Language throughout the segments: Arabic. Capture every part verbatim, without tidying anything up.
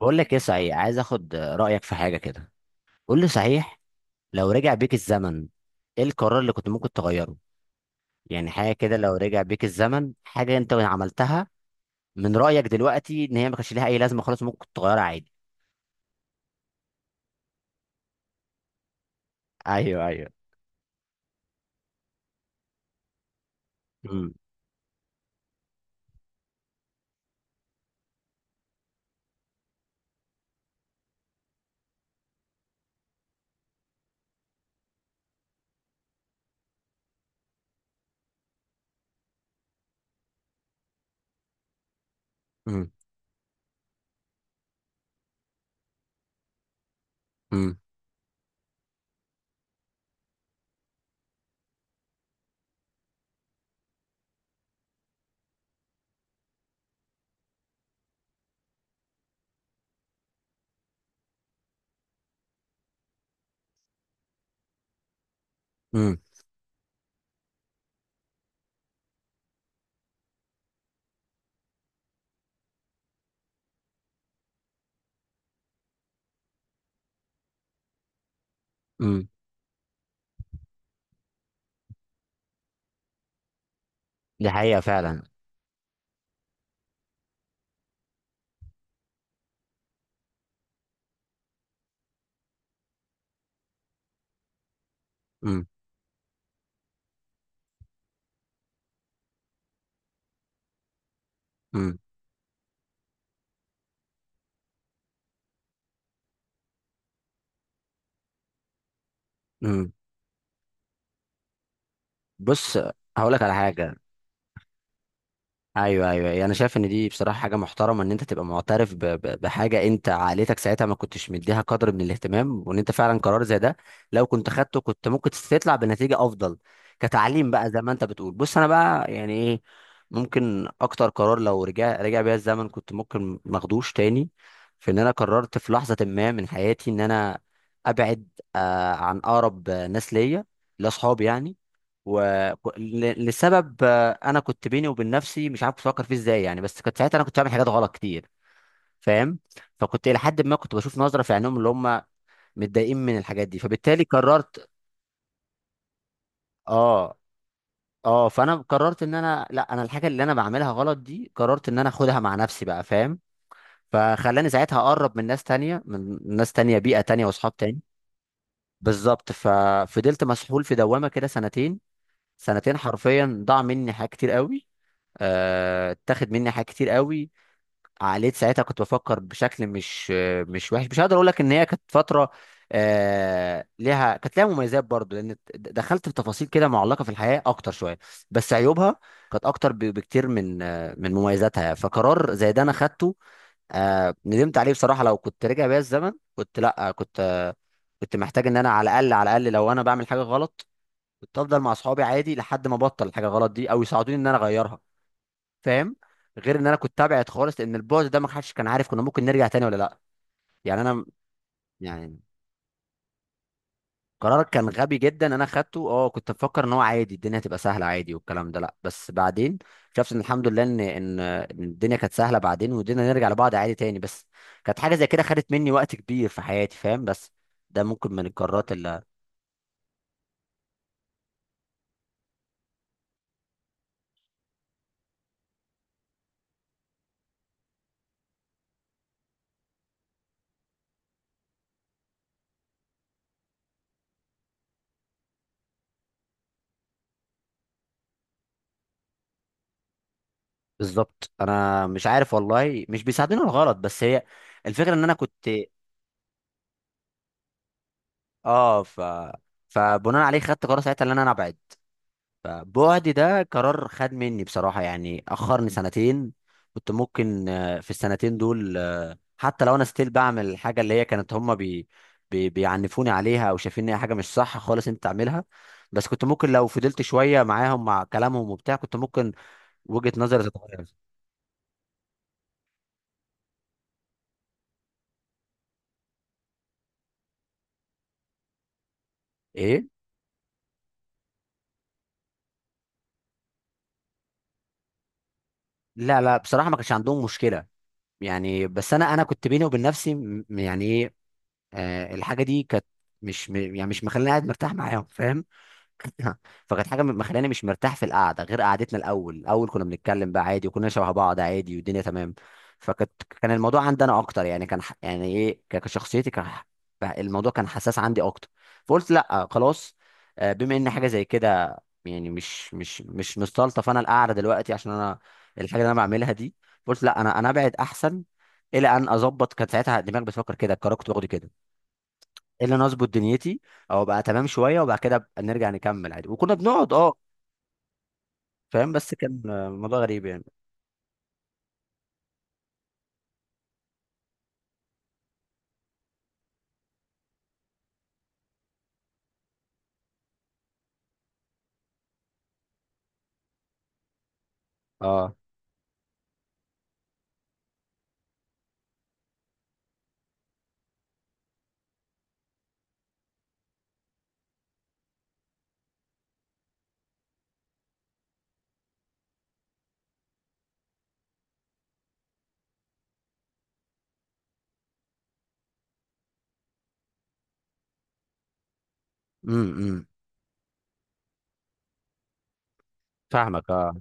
بقول لك ايه، صحيح عايز اخد رايك في حاجه كده. قول لي صحيح، لو رجع بيك الزمن ايه القرار اللي كنت ممكن تغيره؟ يعني حاجه كده، لو رجع بيك الزمن حاجه انت عملتها من رايك دلوقتي ان هي ما كانش ليها اي لازمه، خلاص ممكن تغيرها عادي. ايوه ايوه امم امم امم امم امم دي حقيقه فعلا. امم امم امم بص، هقول لك على حاجه. ايوه ايوه أيوة. انا يعني شايف ان دي بصراحه حاجه محترمه، ان انت تبقى معترف ب- ب- بحاجه انت عائلتك ساعتها ما كنتش مديها قدر من الاهتمام، وان انت فعلا قرار زي ده لو كنت خدته كنت ممكن تطلع بنتيجه افضل. كتعليم بقى زي ما انت بتقول. بص انا بقى يعني ايه، ممكن اكتر قرار لو رجع رجع بيا الزمن كنت ممكن ما اخدوش تاني، في ان انا قررت في لحظه ما من حياتي ان انا ابعد، آه عن اقرب ناس ليا، لاصحابي يعني. و... ك- ل... لسبب آه، انا كنت بيني وبين نفسي مش عارف بفكر فيه ازاي يعني، بس كنت ساعتها انا كنت بعمل حاجات غلط كتير، فاهم؟ فكنت الى حد ما كنت بشوف نظره في عينهم اللي هم متضايقين من الحاجات دي، فبالتالي قررت. اه اه، فانا قررت ان انا لا، انا الحاجه اللي انا بعملها غلط دي قررت ان انا اخدها مع نفسي بقى، فاهم؟ فخلاني ساعتها اقرب من ناس تانية، من ناس تانية، بيئه تانية واصحاب تاني. بالظبط، ففضلت مسحول في دوامه كده سنتين. سنتين حرفيا ضاع مني حاجات كتير قوي. آه، اتاخد مني حاجات كتير قوي. عقليت ساعتها كنت بفكر بشكل مش آه، مش وحش. مش هقدر اقول لك ان هي كانت فتره آه ليها، كانت ليها مميزات برضو، لان د- دخلت في تفاصيل كده معلقه في الحياه اكتر شويه. بس عيوبها كانت اكتر ب- بكتير من آه، من مميزاتها. فقرار زي ده انا خدته، آه ندمت عليه بصراحه. لو كنت رجع بيا الزمن كنت لا، كنت آه، كنت محتاج ان انا على الاقل، على الاقل لو انا بعمل حاجه غلط كنت افضل مع اصحابي عادي، لحد ما ابطل الحاجه غلط دي او يساعدوني ان انا اغيرها، فاهم؟ غير ان انا كنت تابعت خالص، لان البعد ده ما حدش كان عارف كنا ممكن نرجع تاني ولا لا. يعني انا يعني قرارك كان غبي جدا، انا خدته اه. كنت بفكر ان هو عادي، الدنيا هتبقى سهله عادي والكلام ده، لا بس بعدين شفت ان الحمد لله ان ان إن الدنيا كانت سهله بعدين، والدنيا نرجع لبعض عادي تاني. بس كانت حاجه زي كده خدت مني وقت كبير في حياتي، فاهم؟ بس ده ممكن من القرارات اللي، بالظبط. انا مش عارف والله، مش بيساعدني ولا غلط، بس هي الفكره ان انا كنت اه. ف فبناء عليه خدت قرار ساعتها ان انا ابعد. فبعدي ده قرار خد مني بصراحة، يعني أخرني سنتين. كنت ممكن آه، في السنتين دول آه، حتى لو أنا ستيل بعمل الحاجة اللي هي كانت هما بي بي بيعنفوني عليها أو شايفين إن هي حاجة مش صح خالص أنت تعملها. بس كنت ممكن لو فضلت شوية معاهم مع كلامهم وبتاع كنت ممكن وجهة نظري تتغير. إيه؟ لا لا، بصراحة ما كانش عندهم مشكلة يعني. بس أنا، أنا كنت بيني وبين نفسي م- يعني إيه، آه، الحاجة دي كانت مش م- يعني مش مخليني قاعد مرتاح معاهم، فاهم؟ فكانت حاجه مخلاني مش مرتاح في القعده، غير قعدتنا الاول. الاول كنا بنتكلم بقى عادي، وكنا شبه بعض عادي والدنيا تمام. فكانت، كان الموضوع عندي انا اكتر. يعني كان ح- يعني ايه، ك- كشخصيتي كان ح- الموضوع كان حساس عندي اكتر. فقلت لا خلاص، آه، بما ان حاجه زي كده، يعني مش مش مش مستلطف انا القعده دلوقتي عشان انا الحاجه اللي انا بعملها دي. قلت لا، انا انا ابعد احسن. الى ان اظبط. كانت ساعتها الدماغ بتفكر كده، القرار كنت باخده كده، الا انا اظبط دنيتي او ابقى تمام شويه وبعد كده أبقى نرجع نكمل عادي، وكنا بنقعد اه. فاهم؟ بس كان آه، الموضوع غريب يعني. اه. امم إمم. فاهمك اه.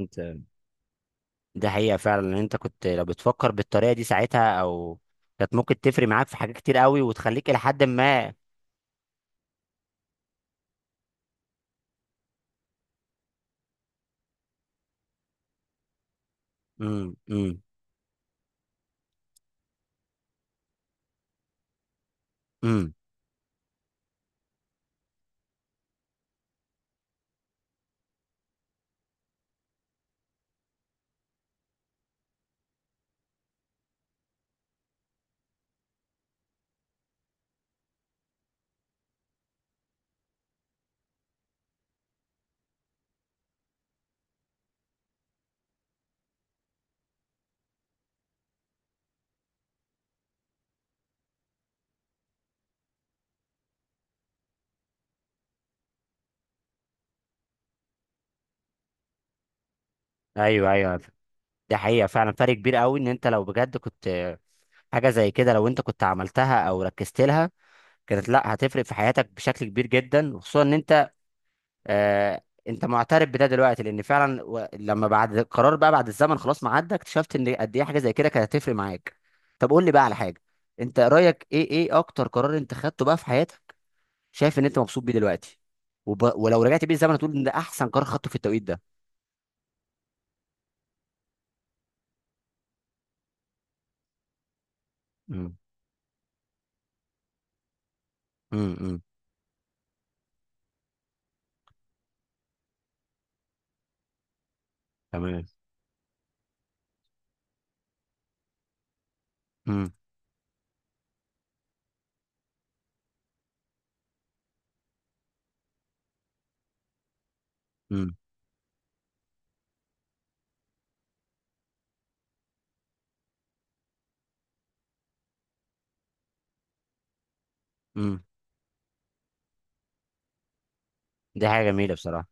انت ده حقيقه فعلا ان انت كنت لو بتفكر بالطريقه دي ساعتها، او كانت ممكن تفرق معاك في حاجات كتير قوي وتخليك الى حد ما. امم امم امم ايوه ايوه. ده حقيقه فعلا، فرق كبير قوي، ان انت لو بجد كنت آه، حاجه زي كده لو انت كنت عملتها او ركزت لها كانت، لا هتفرق في حياتك بشكل كبير جدا. وخصوصا ان انت آه، انت معترف بده دلوقتي، لان فعلا و- لما بعد القرار بقى، بعد الزمن خلاص ما عدى اكتشفت ان قد ايه حاجه زي كده كانت هتفرق معاك. طب قول لي بقى على حاجه، انت رايك ايه، ايه اكتر قرار انت خدته بقى في حياتك شايف ان انت مبسوط بيه دلوقتي، وب... ولو رجعت بيه الزمن هتقول ان ده احسن قرار خدته في التوقيت ده؟ مم. امم امم. تمام. امم امم امم. دي حاجه جميله بصراحه.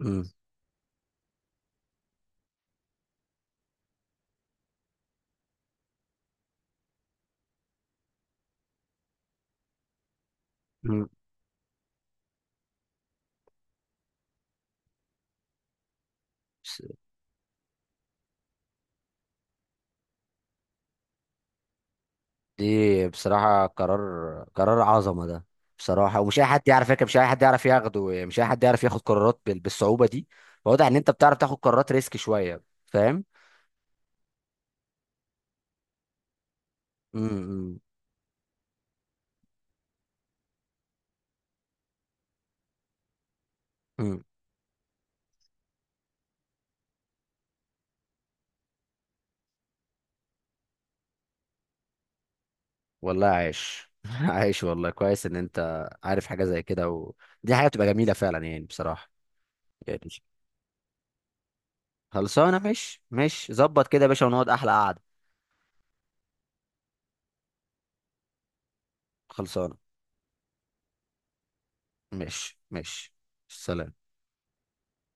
امم امم. دي بصراحة قرار قرار عظمة ده بصراحة. ومش أي حد يعرف يركب، مش أي حد يعرف ياخده، مش أي حد يعرف ياخد قرارات بال- بالصعوبة دي. واضح إن أنت بتعرف تاخد قرارات ريسك شوية، فاهم؟ امم امم. والله عايش عايش والله. كويس إن أنت عارف حاجة زي كده، ودي حاجة بتبقى جميلة فعلا يعني بصراحة. يعني خلصانة. مش مش ظبط كده يا باشا ونقعد أحلى قعدة. خلصانة. مش مش، سلام.